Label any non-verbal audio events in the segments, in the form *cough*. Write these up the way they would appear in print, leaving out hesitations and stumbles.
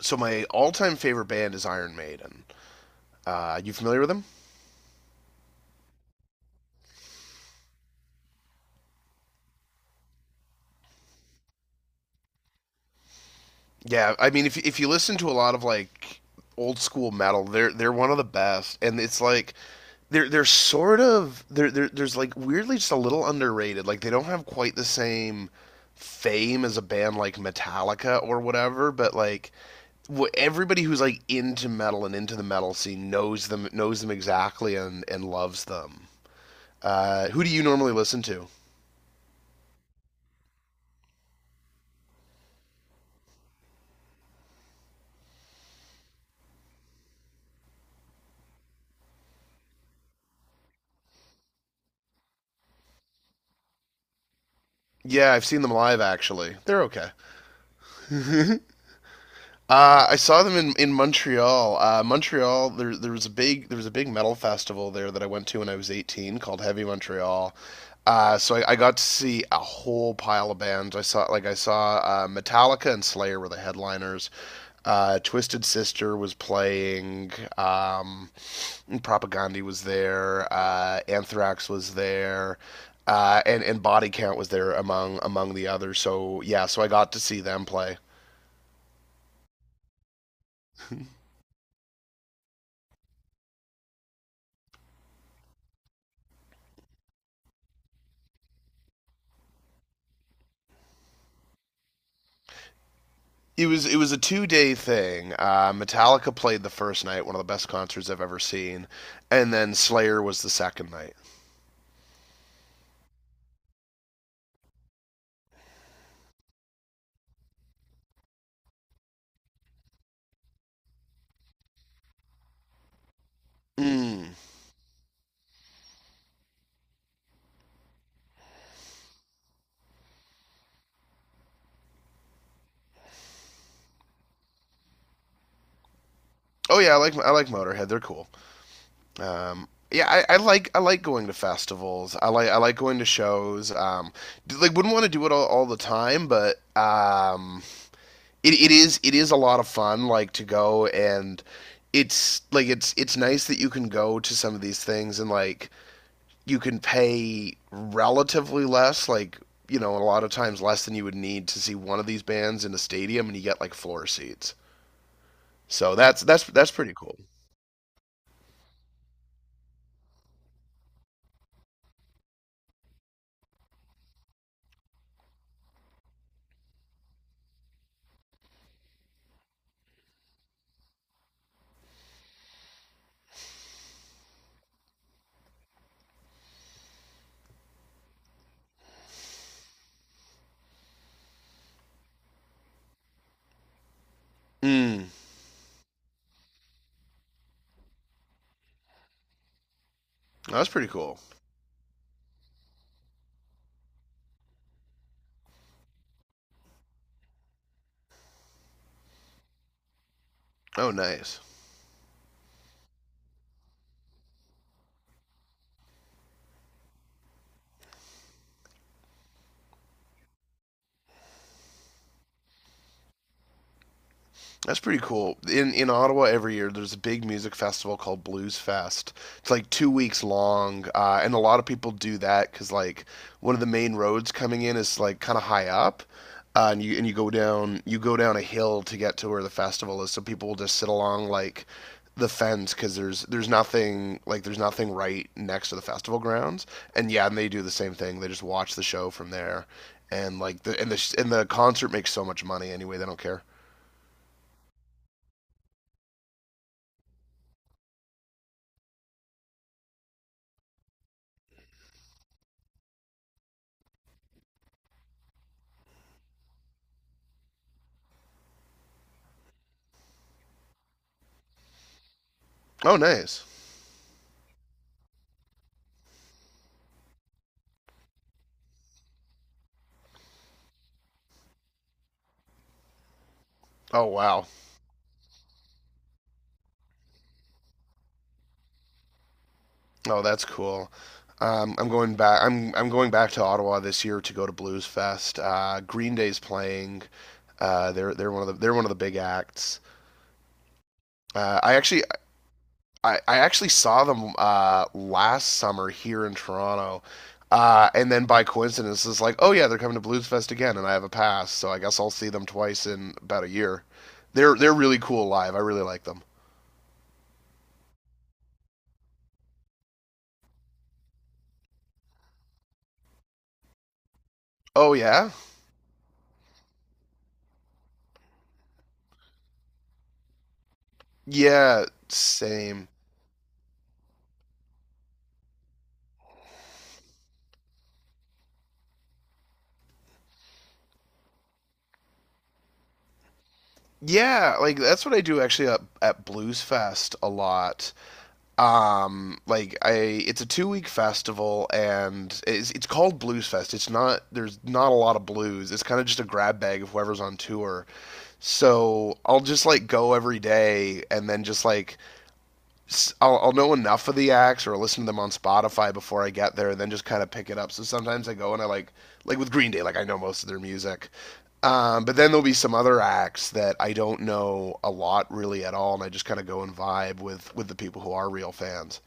So my all-time favorite band is Iron Maiden. You familiar with them? Yeah, I mean, if you listen to a lot of like old school metal, they're one of the best, and it's like they're sort of they're there's like weirdly just a little underrated. Like they don't have quite the same fame as a band like Metallica or whatever, but like everybody who's like into metal and into the metal scene knows them exactly, and loves them. Who do you normally listen to? Yeah, I've seen them live actually. They're okay. I saw them in Montreal. Montreal, there was a big metal festival there that I went to when I was 18, called Heavy Montreal. So I got to see a whole pile of bands. I saw Metallica and Slayer were the headliners. Twisted Sister was playing. Um, Propaganda was there. Anthrax was there. And Body Count was there among the others. So yeah, so I got to see them play. *laughs* It was a two-day thing. Metallica played the first night, one of the best concerts I've ever seen, and then Slayer was the second night. Mm. Oh yeah, I like Motorhead. They're cool. Yeah, I like going to festivals. I like going to shows. Like wouldn't want to do it all the time, but it is a lot of fun. Like to go, and it's like it's nice that you can go to some of these things and like you can pay relatively less, like you know, a lot of times less than you would need to see one of these bands in a stadium, and you get like floor seats. So that's pretty cool. Mm, that's pretty cool. Oh, nice. That's pretty cool. In Ottawa every year there's a big music festival called Blues Fest. It's like two weeks long, and a lot of people do that because like one of the main roads coming in is like kind of high up, and you go down a hill to get to where the festival is. So people will just sit along like the fence because there's nothing, like there's nothing right next to the festival grounds. And yeah, and they do the same thing. They just watch the show from there, and like the concert makes so much money anyway. They don't care. Oh, nice. Oh wow. Oh, that's cool. I'm going back. I'm going back to Ottawa this year to go to Blues Fest. Green Day's playing. They're one of the big acts. Uh, I actually I actually saw them last summer here in Toronto, and then by coincidence it's like, oh yeah, they're coming to Blues Fest again, and I have a pass, so I guess I'll see them twice in about a year. They're really cool live. I really like them. Oh yeah, yeah, same. Yeah, like that's what I do actually at Blues Fest a lot. Um, like I, it's a two-week festival, and it's called Blues Fest. It's not There's not a lot of blues. It's kind of just a grab bag of whoever's on tour. So I'll just like go every day, and then just like I'll know enough of the acts or listen to them on Spotify before I get there, and then just kind of pick it up. So sometimes I go, and I like with Green Day, like I know most of their music, but then there'll be some other acts that I don't know a lot really at all, and I just kind of go and vibe with the people who are real fans.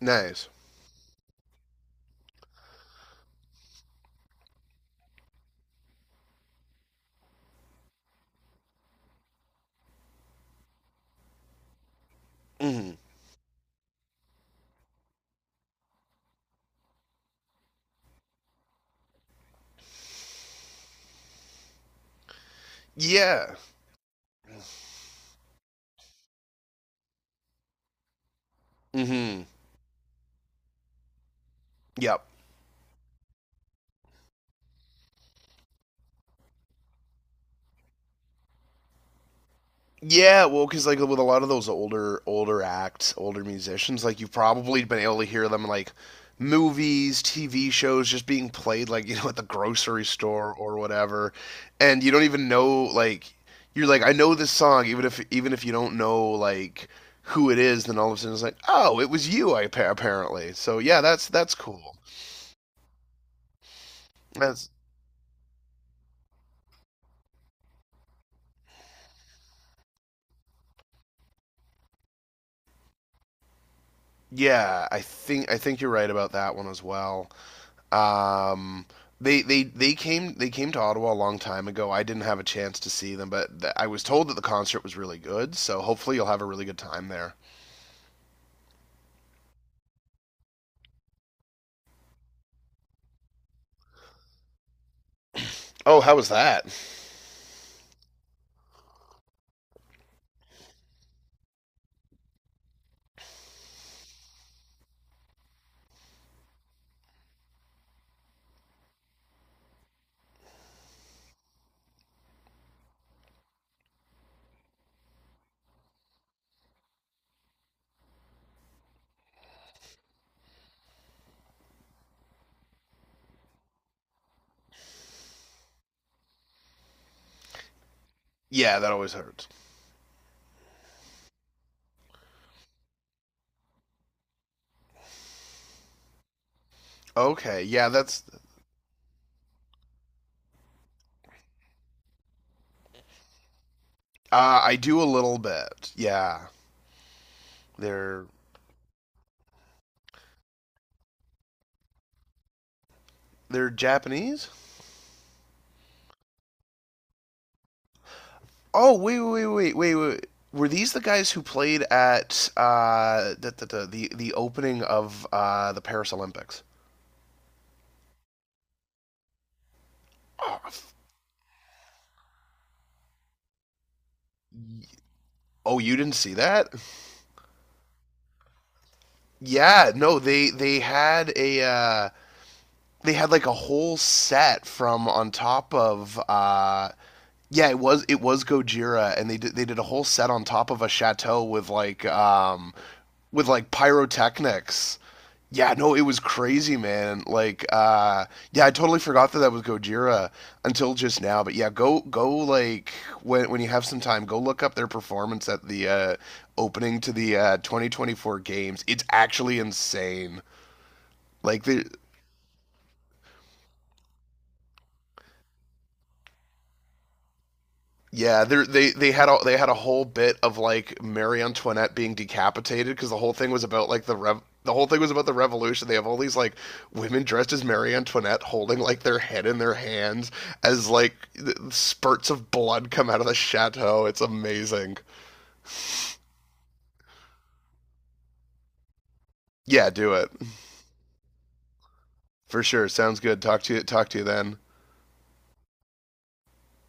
Nice. Mm-hmm. Yeah. Mm-hmm. Yep. Yeah, well, because like with a lot of those older acts, older musicians, like you've probably been able to hear them in, like, movies, TV shows, just being played like *laughs* you know, at the grocery store or whatever, and you don't even know, like, you're like, I know this song, even if you don't know like who it is, then all of a sudden it's like, oh it was you, I apparently. So yeah, that's cool. That's Yeah, I think you're right about that one as well. Um, they came to Ottawa a long time ago. I didn't have a chance to see them, but I was told that the concert was really good. So hopefully you'll have a really good time there. Oh, how was that? Yeah, that always hurts. Okay, yeah, that's I do a little bit. Yeah, they're they're Japanese. Oh wait. Were these the guys who played at the opening of the Paris Olympics? Oh, oh, you didn't see that? Yeah, no, they had like a whole set from on top of yeah, it was Gojira, and they did a whole set on top of a chateau with like pyrotechnics. Yeah, no, it was crazy, man. Yeah, I totally forgot that that was Gojira until just now. But yeah, go go like when you have some time, go look up their performance at the opening to the 2024 games. It's actually insane. Like they, yeah, they had a whole bit of like Marie Antoinette being decapitated because the whole thing was about like the rev. The whole thing was about the revolution. They have all these like women dressed as Marie Antoinette holding like their head in their hands, as like spurts of blood come out of the chateau. It's amazing. Yeah, do it for sure. Sounds good. Talk to you. Talk to you then.